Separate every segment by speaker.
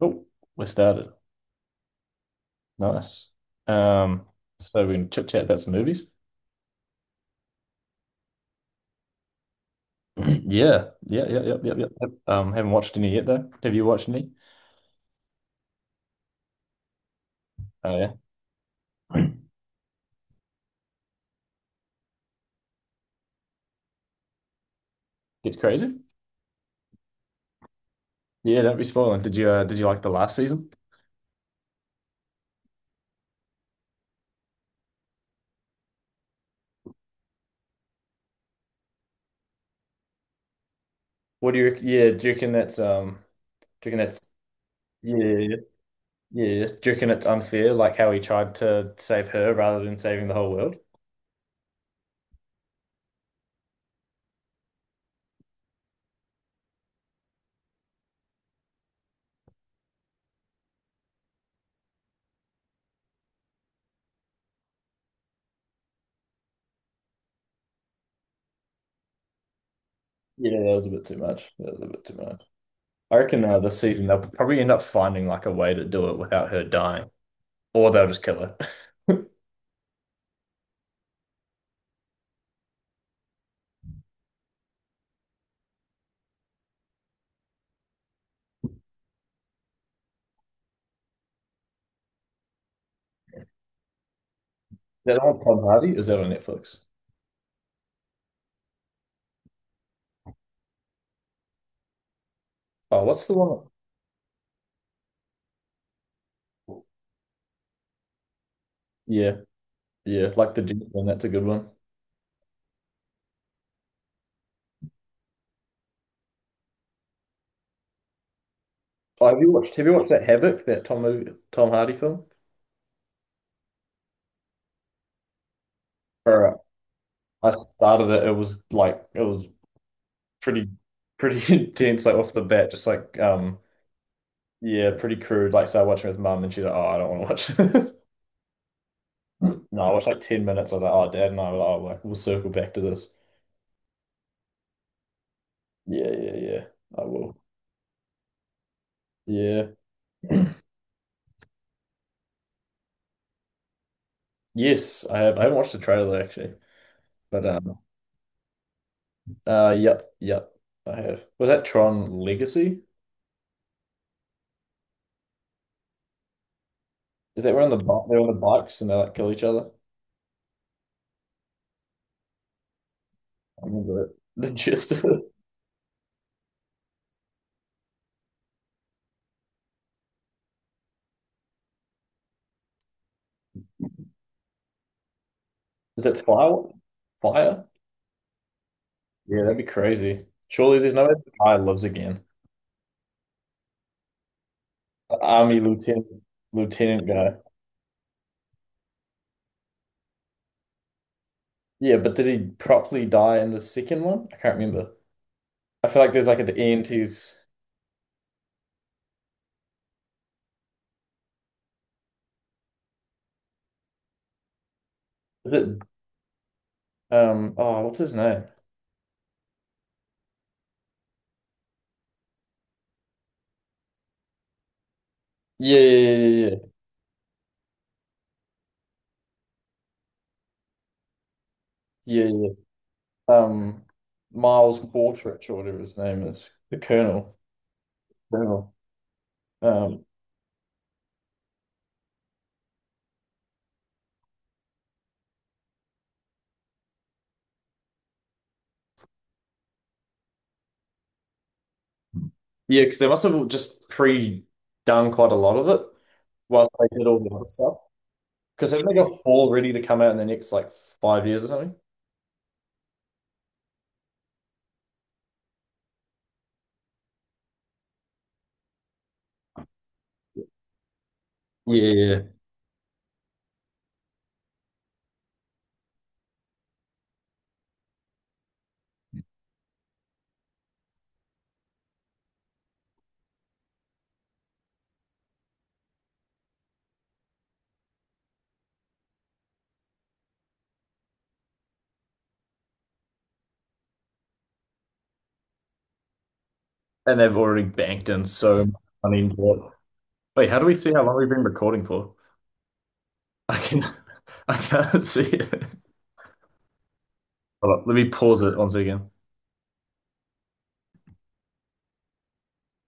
Speaker 1: Cool. We're started. Nice. Um, so we can chit chat about some movies. Yeah, yeah, yeah, yeah, yeah, yeah, yep. Haven't watched any yet though. Have you watched any? Oh yeah, gets crazy. Yeah, don't be spoiling. Did you like the last season? What do you? Rec- Yeah, do you reckon that's do you reckon that's yeah, yeah, yeah. Do you reckon it's unfair, like how he tried to save her rather than saving the whole world? Yeah, that was a bit too much. That was a bit too much. I reckon this season they'll probably end up finding like a way to do it without her dying, or they'll just kill her. That old Tom Hardy, is that on Netflix? Oh, what's the one? Yeah, yeah, like the gentleman. That's a good one. Oh, have you watched? Have you watched that Havoc? That Tom movie, Tom Hardy film? All right, I started it. It was like it was pretty pretty intense, like off the bat. Just like yeah, pretty crude. Like started watching with mum, and she's like, "Oh, I don't want to watch this." No, I watched like 10 minutes. I was like, "Oh, dad," and I were like, "Oh, like, we'll circle back to this." Yeah, yeah, yeah. I will. Yeah. Yes, I have. I haven't watched the trailer actually. But yep, I have. Was that Tron Legacy? Is that where on they're on the bikes and they like kill each other? I remember it. The gist of it. Is that fire? Fire? Yeah, that'd be crazy. Surely there's no way the guy lives again. The Army lieutenant, lieutenant guy. Yeah, but did he properly die in the second one? I can't remember. I feel like there's like at the end he's is it um oh, what's his name? Yeah, yeah, yeah, yeah, yeah, yeah, yeah, yeah. um Miles Quartrich or whatever his name is, the Colonel. Colonel. Um, yeah, because they must have just pre-done quite a lot of it whilst they did all the other stuff. Because haven't they got four ready to come out in the next like 5 years or something? Yeah, yeah. And they've already banked in so much money into it. Wait, how do we see how long we've been recording for? I can, I can't see it. Hold on, let me pause it once again.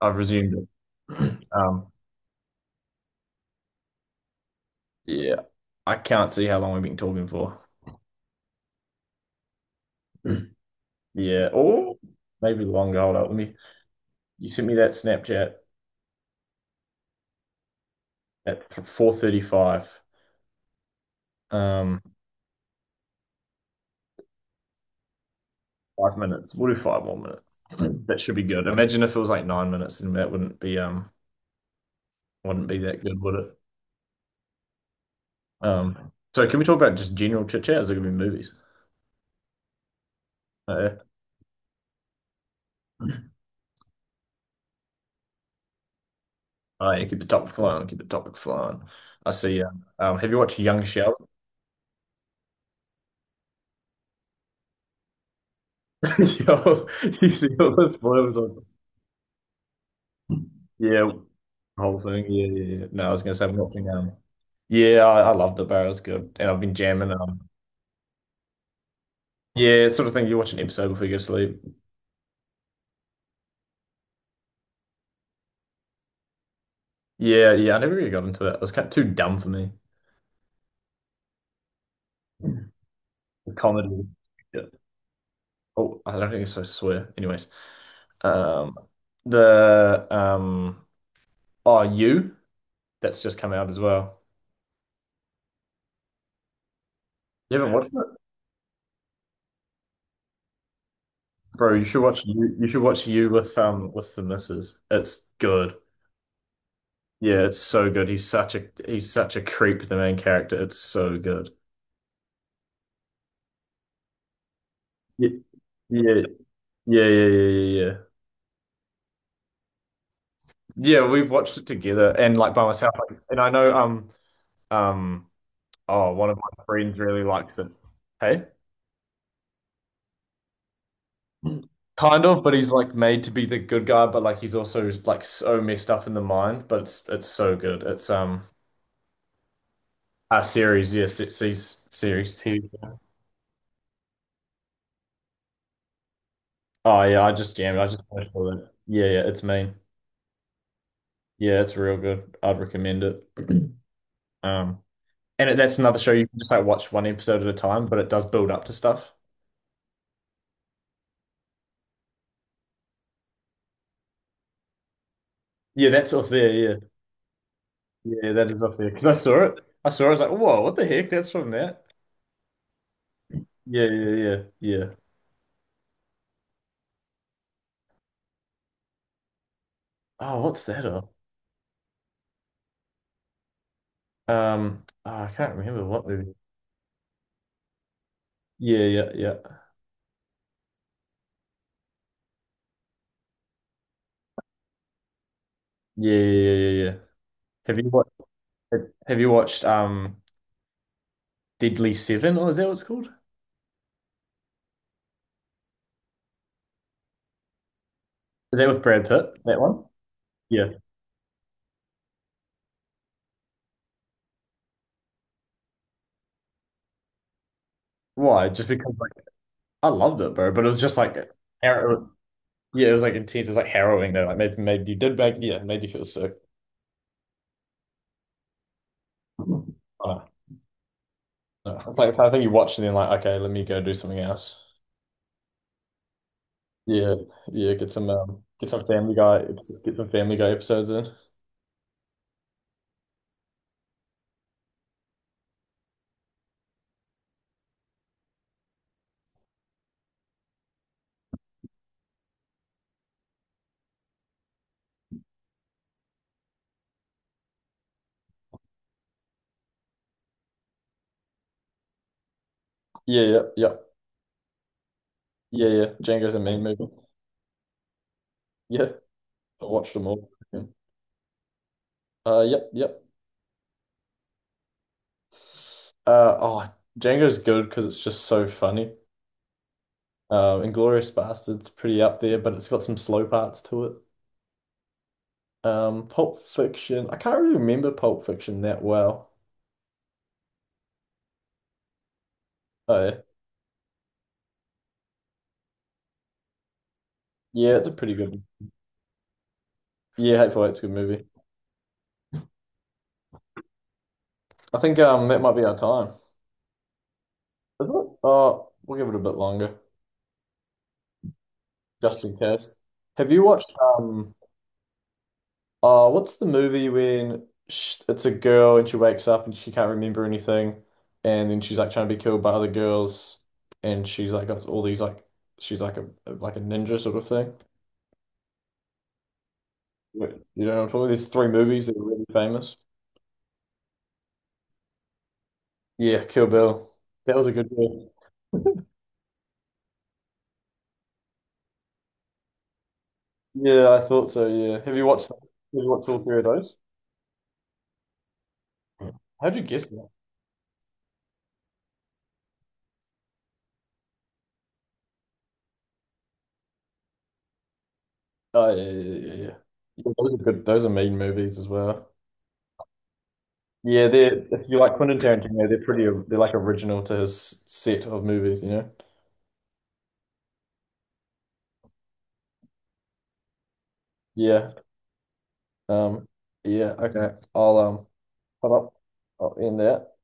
Speaker 1: I've resumed it. Um, yeah, I can't see how long we've been talking for. Yeah, or maybe long gold. Let me. You sent me that Snapchat at 4:35. Um, 5 minutes. We'll do five more minutes. That should be good. Imagine if it was like 9 minutes, then that wouldn't be that good, would it? So can we talk about just general chit chat? Is it gonna be movies? Uh, oh yeah, keep the topic flowing. Keep the topic flowing. I see. Have you watched Young Sheldon? Yo, you see all those spoilers on, yeah, whole thing. Yeah, yeah, yeah. No, I was gonna say I'm watching. Yeah, I loved it, bro. It was good, and I've been jamming. Yeah, it's sort of thing. You watch an episode before you go to sleep. Yeah, yeah. I never really got into it. It was kind of too dumb for me. The comedy. Yeah. Oh, I don't think it's so swear. Anyways, um, the oh, you, that's just come out as well. You haven't watched it, bro. You should watch you. You should watch you with the missus. It's good. Yeah, it's so good. He's such a creep, the main character. It's so good. Yeah, yeah, yeah, yeah, yeah, yeah. Yeah, yeah, we've watched it together and like by myself. Like, and I know um oh, one of my friends really likes it. Hey? Kind of, but he's like made to be the good guy, but like he's also like so messed up in the mind, but it's so good. It's A series, yes, it's series series TV. Oh yeah, I just jammed. I just finished all that. Yeah, yeah, it's mean. Yeah, it's real good. I'd recommend it. Um, and it, that's another show you can just like watch one episode at a time, but it does build up to stuff. Yeah, that's off there. Yeah, yeah, that is off there because I saw it. I saw it. I was like, whoa, what the heck? That's from that. Yeah, yeah, yeah, yeah. Oh, what's that of? Oh, I can't remember what movie. Yeah, yeah, yeah, yeah, yeah, yeah, yeah, yeah. Have you watched? Have you watched Deadly Seven, or is that what it's called? Is that with Brad Pitt? That one? Yeah. Why? Just because like I loved it, bro. But it was just like. Aaron- yeah, it was like intense. It's like harrowing though. Like made made you did make yeah, made you feel sick. Oh, no. It's like the kind of thing you watch and then like, okay, let me go do something else. Yeah, yeah, get some Family Guy, get some Family Guy episodes in. Yeah, yeah, yeah, yeah, yeah. Django's a mean movie. Yeah, I watched them all. Yeah. Yep, yep. Oh, Django's good because it's just so funny. Inglourious Basterds pretty up there, but it's got some slow parts to it. Pulp Fiction. I can't really remember Pulp Fiction that well. Oh, yeah, it's a pretty good one. Yeah, Hateful Eight's a good movie. I think that might be our time. Is it? Oh, we'll give it a bit longer, just in case. Have you watched oh, what's the movie when sh it's a girl and she wakes up and she can't remember anything, and then she's like trying to be killed by other girls, and she's like got all these like she's like a ninja sort of thing. Wait, you don't know what I'm talking about? There's three movies that are really famous. Yeah, Kill Bill. That was a good one. Yeah, I thought so. Yeah. Have you watched them? Have you watched all three of those? Yeah. How'd you guess that? Oh, yeah, yeah, yeah, yeah, yeah. Yeah, those are good. Those are mean movies as well. Yeah, they're if you like Quentin Tarantino, they're pretty they're like original to his set of movies, you know? Yeah. Um, yeah, okay. I'll put up, I'll end that.